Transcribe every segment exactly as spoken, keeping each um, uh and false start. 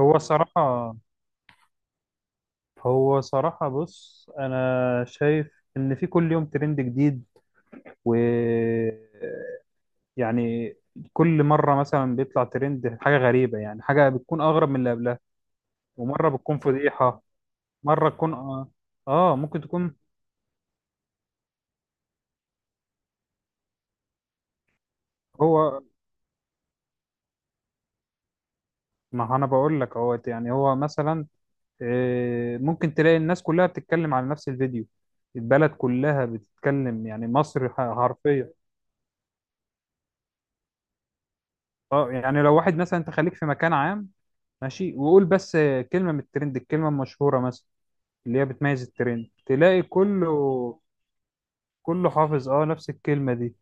هو صراحة هو صراحة بص أنا شايف إن في كل يوم ترند جديد، و يعني كل مرة مثلا بيطلع ترند حاجة غريبة، يعني حاجة بتكون أغرب من اللي قبلها. ومرة بتكون فضيحة، مرة تكون آه آه، ممكن تكون. هو ما أنا بقول لك أهوت، يعني هو مثلا آه، ممكن تلاقي الناس كلها بتتكلم على نفس الفيديو، البلد كلها بتتكلم، يعني مصر حرفيا. اه يعني لو واحد مثلا، انت خليك في مكان عام ماشي وقول بس كلمة من الترند، الكلمة المشهورة مثلا اللي هي بتميز الترند، تلاقي كله، كله حافظ اه نفس الكلمة دي.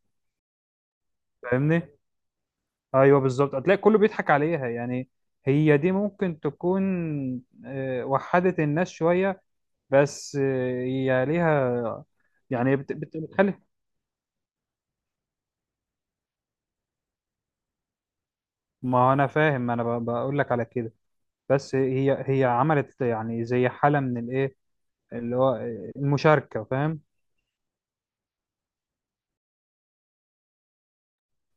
فاهمني؟ ايوه بالظبط، هتلاقي كله بيضحك عليها يعني. هي دي ممكن تكون آه، وحدت الناس شوية، بس آه، هي ليها يعني بت- بت- بتخلي. ما انا فاهم، ما انا ب- بقول لك على كده، بس هي هي عملت يعني زي حالة من الايه، اللي هو المشاركة. فاهم؟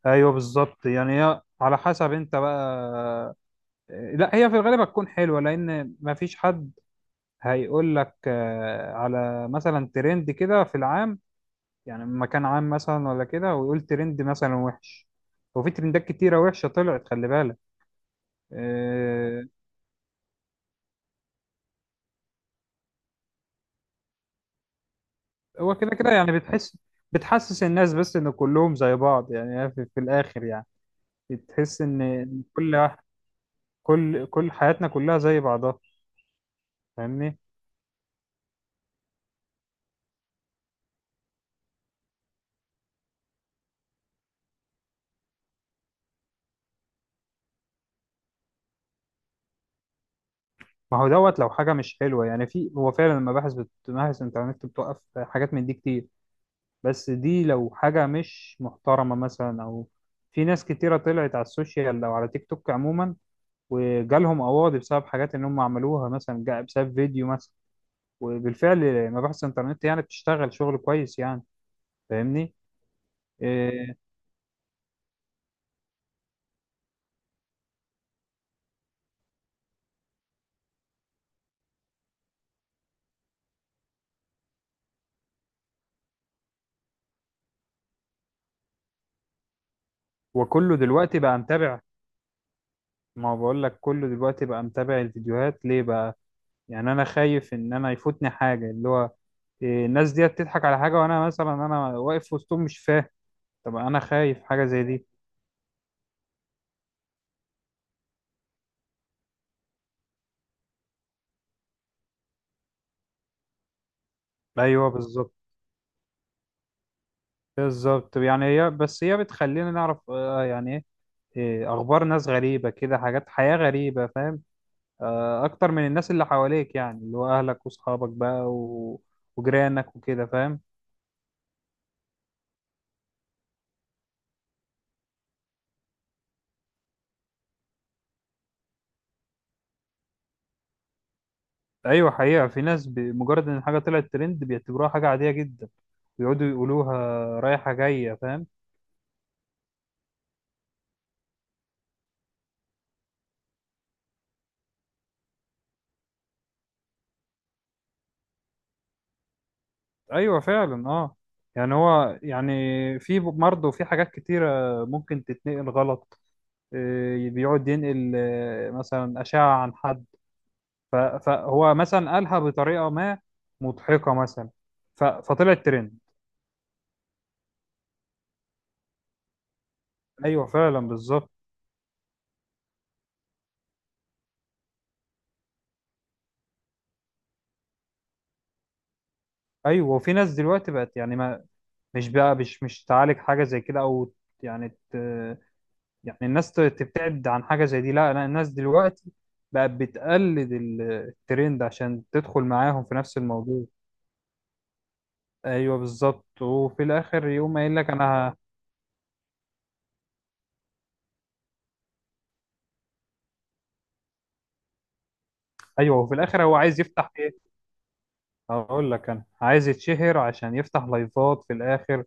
ايوه بالظبط، يعني هي على حسب انت بقى. لا، هي في الغالب هتكون حلوه لان مفيش حد هيقول لك آه، على مثلا ترند كده في العام، يعني مكان عام مثلا ولا كده، ويقول ترند مثلا وحش. وفي ترندات كتيره وحشه طلعت، خلي بالك. آه، هو كده كده يعني بتحس، بتحسس الناس بس ان كلهم زي بعض، يعني هي في, في الاخر يعني بتحس ان إن كل واحد- كل كل حياتنا كلها زي بعضها. فاهمني؟ ما هو دوت لو حاجة مش حلوة، يعني في، هو فعلا المباحث بت- مباحث الإنترنت بتوقف حاجات من دي كتير. بس دي لو حاجة مش محترمة مثلا، أو في ناس كتيرة طلعت على السوشيال أو على تيك توك عموما وجالهم قواضي بسبب حاجات إن هم عملوها، مثلا جا- بسبب فيديو مثلا. وبالفعل مباحث الإنترنت يعني بتشتغل شغل كويس يعني. فاهمني؟ إيه. وكله دلوقتي بقى متابع. ما هو بقول لك كله دلوقتي بقى متابع الفيديوهات، ليه بقى؟ يعني انا خايف ان انا يفوتني حاجه، اللي هو إيه، الناس ديت تضحك على حاجه وانا مثلا انا واقف وسطهم مش فاهم. طب انا خايف حاجه زي دي. ايوه بالظبط، بالظبط. طب يعني هي، بس هي بتخلينا نعرف آه، يعني ايه، إيه، اخبار ناس غريبه كده، حاجات حياه غريبه فاهم، آه، اكتر من الناس اللي حواليك، يعني اللي هو اهلك واصحابك بقى و... وجيرانك وكده فاهم. ايوه حقيقه، في ناس بمجرد ان حاجه طلعت ترند بيعتبروها حاجه عاديه جدا، بيقعدوا يقولوها رايحه جايه، فاهم؟ ايوه فعلا اه. يعني هو يعني في مرض وفي حاجات كتيرة ممكن تتنقل غلط. إيه، بيقعد ينقل آه، مثلا أشعة عن حد، ف- فهو مثلا قالها بطريقة ما مضحكة مثلا، ف- فطلعت ترند. ايوه فعلا بالظبط. ايوه وفي ناس دلوقتي بقت يعني ما، مش بقى مش مش تعالج حاجة زي كده او يعني ت... يعني الناس ت- تبتعد عن حاجة زي دي. لا، لا، الناس دلوقتي بقت بتقلد ال- الترند عشان تدخل معاهم في نفس الموضوع. ايوه بالظبط، وفي الاخر يقوم قايل لك انا ه- ايوه وفي الاخر هو عايز يفتح ايه، هقول لك انا عايز يتشهر عشان يفتح لايفات في الاخر.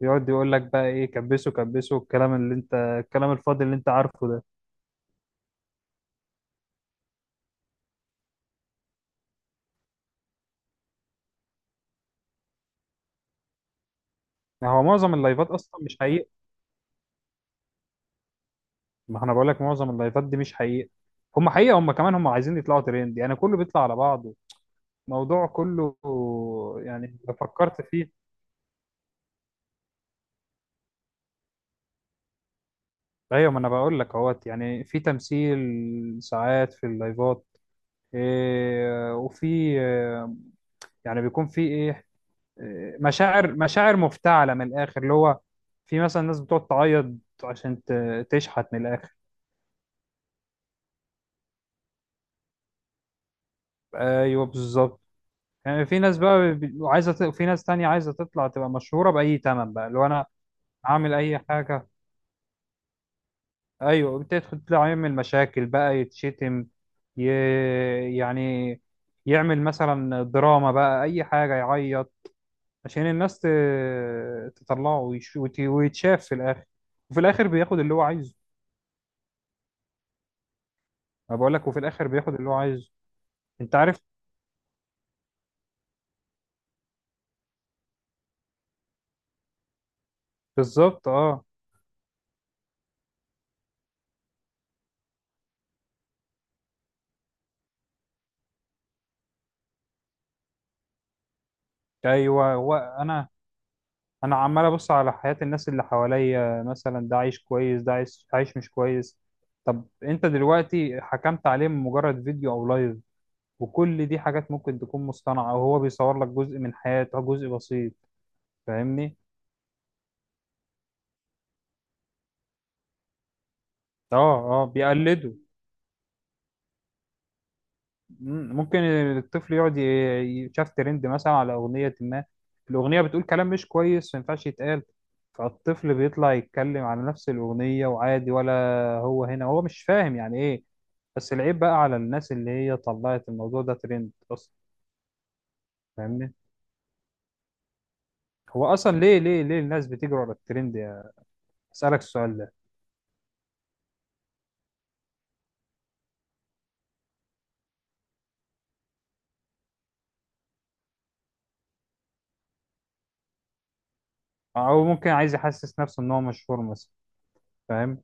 ويقعد يقول لك بقى ايه، كبسه كبسه، الكلام اللي انت الكلام الفاضي اللي انت عارفه ده. ما هو معظم اللايفات اصلا مش حقيقه. ما انا بقول لك معظم اللايفات دي مش حقيقه. هم حقيقه، هم كمان هم عايزين يطلعوا ترند، يعني كله بيطلع على بعضه الموضوع كله. يعني لو فكرت فيه. ايوه ما انا بقول لك اهوت، يعني في تمثيل ساعات في اللايفات، إيه، وفي إيه، يعني بيكون في ايه، إيه، مشاعر مشاعر مفتعله من الاخر، اللي هو في مثلا ناس بتقعد تعيط عشان ت- تشحت من الاخر. ايوه بالظبط. يعني في ناس بقى بي- عايزه ت- في ناس تانية عايزه تطلع تبقى مشهوره باي تمن بقى، اللي هو انا اعمل اي حاجه. ايوه بتدخل تطلع يعمل مشاكل بقى يتشتم، ي... يعني يعمل مثلا دراما بقى، اي حاجه يعيط عشان الناس ت- تطلعه ويش- وت- ويتشاف في الاخر. وفي الاخر بياخد اللي هو عايزه. ما بقول لك وفي الاخر بياخد اللي هو عايزه، انت عارف. بالظبط اه. ايوه هو انا انا عمال ابص على حياة الناس اللي حواليا، مثلا ده عايش كويس، ده عايش عايش مش كويس. طب انت دلوقتي حكمت عليه من مجرد فيديو او لايف، وكل دي حاجات ممكن تكون مصطنعة، وهو بيصور لك جزء من حياته، جزء بسيط. فاهمني؟ اه، اه بيقلده. مم، ممكن الطفل يقعد ي- ي- شاف ترند مثلا على أغنية ما، الأغنية بتقول كلام مش كويس ما ينفعش يتقال، فالطفل بيطلع يتكلم على نفس الأغنية وعادي ولا. هو هنا هو مش فاهم يعني إيه. بس العيب بقى على الناس اللي هي طلعت الموضوع ده ترند أصلا. فاهمني؟ هو أصلا ليه ليه ليه الناس بتجري ورا الترند؟ يا أسألك السؤال ده. أو ممكن عايز يحسس نفسه إن هو مشهور مثلا. فاهم؟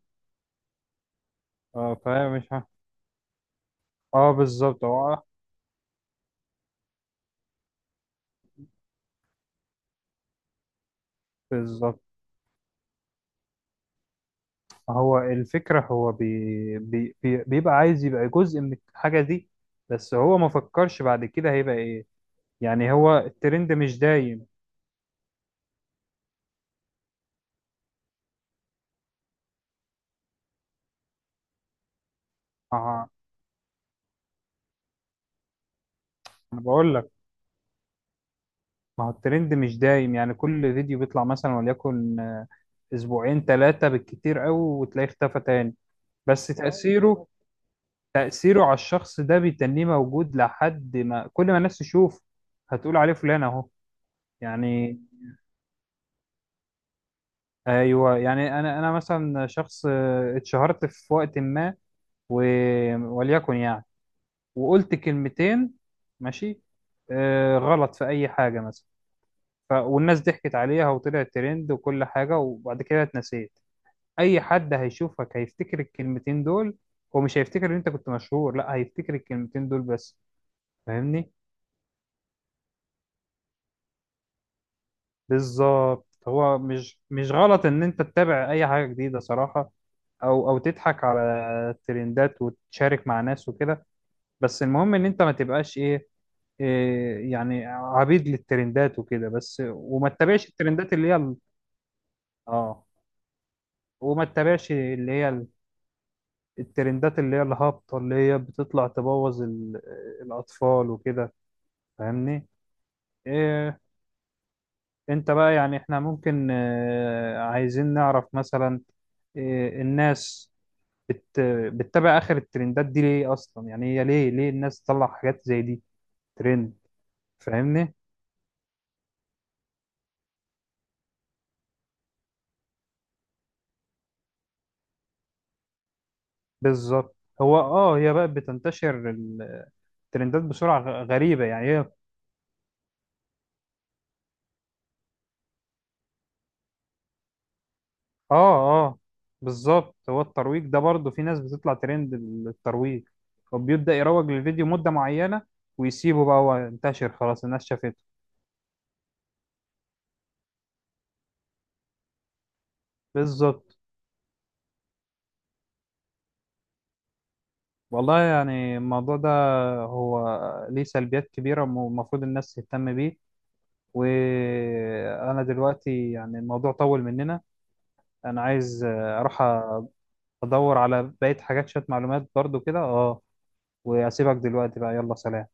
اه فاهم، مش ها. اه بالظبط هو آه، بالظبط. هو الفكرة، هو بي بي بي بيبقى عايز يبقى جزء من الحاجة دي. بس هو ما فكرش بعد كده هيبقى ايه، يعني هو الترند مش دايم. اه انا بقول لك، ما هو الترند مش دايم، يعني كل فيديو بيطلع مثلا وليكن آه، اسبوعين ثلاثة بالكتير قوي وتلاقيه اختفى تاني. بس تأثيره تأثيره على الشخص ده بيتنيه موجود لحد ما، كل ما الناس تشوف هتقول عليه فلان اهو. يعني ايوه يعني انا انا مثلا شخص آه، اتشهرت في وقت ما، و... وليكن يعني، وقلت كلمتين ماشي، آه غلط في أي حاجة مثلا، ف... والناس ضحكت عليها وطلع ترند وكل حاجة، وبعد كده اتنسيت. أي حد هيشوفك هيفتكر الكلمتين دول، هو مش هيفتكر إن أنت كنت مشهور، لا هيفتكر الكلمتين دول بس. فاهمني؟ بالظبط. هو مش مش غلط إن أنت تتابع أي حاجة جديدة صراحة، أو أو تضحك على الترندات وتشارك مع ناس وكده. بس المهم إن أنت ما تبقاش إيه، إيه يعني عبيد للترندات وكده بس، وما تتابعش الترندات اللي هي ال- اه. وما تتابعش اللي هي ال- الترندات اللي هي الهابطة اللي هي بتطلع تبوظ ال- الأطفال وكده. فاهمني؟ إيه. انت بقى يعني احنا ممكن آه، عايزين نعرف مثلا إيه الناس بت... بتتابع آخر الترندات دي ليه أصلا، يعني هي ليه، ليه الناس تطلع حاجات زي دي ترند. فاهمني؟ بالظبط. هو اه، هي بقى بتنتشر ترندات بسرعة غ- غريبة يعني هي اه. اه بالظبط، هو الترويج ده برضه، في ناس بتطلع ترند، الترويج، وبيبدأ يروج للفيديو مدة معينة ويسيبه بقى هو انتشر خلاص، الناس شافته. بالظبط. والله يعني الموضوع ده هو ليه سلبيات كبيرة، والمفروض الناس تهتم بيه. وأنا دلوقتي يعني الموضوع طول مننا، أنا عايز أروح أدور على بقية حاجات شوية معلومات برضو كده اه. وأسيبك دلوقتي بقى، يلا سلام.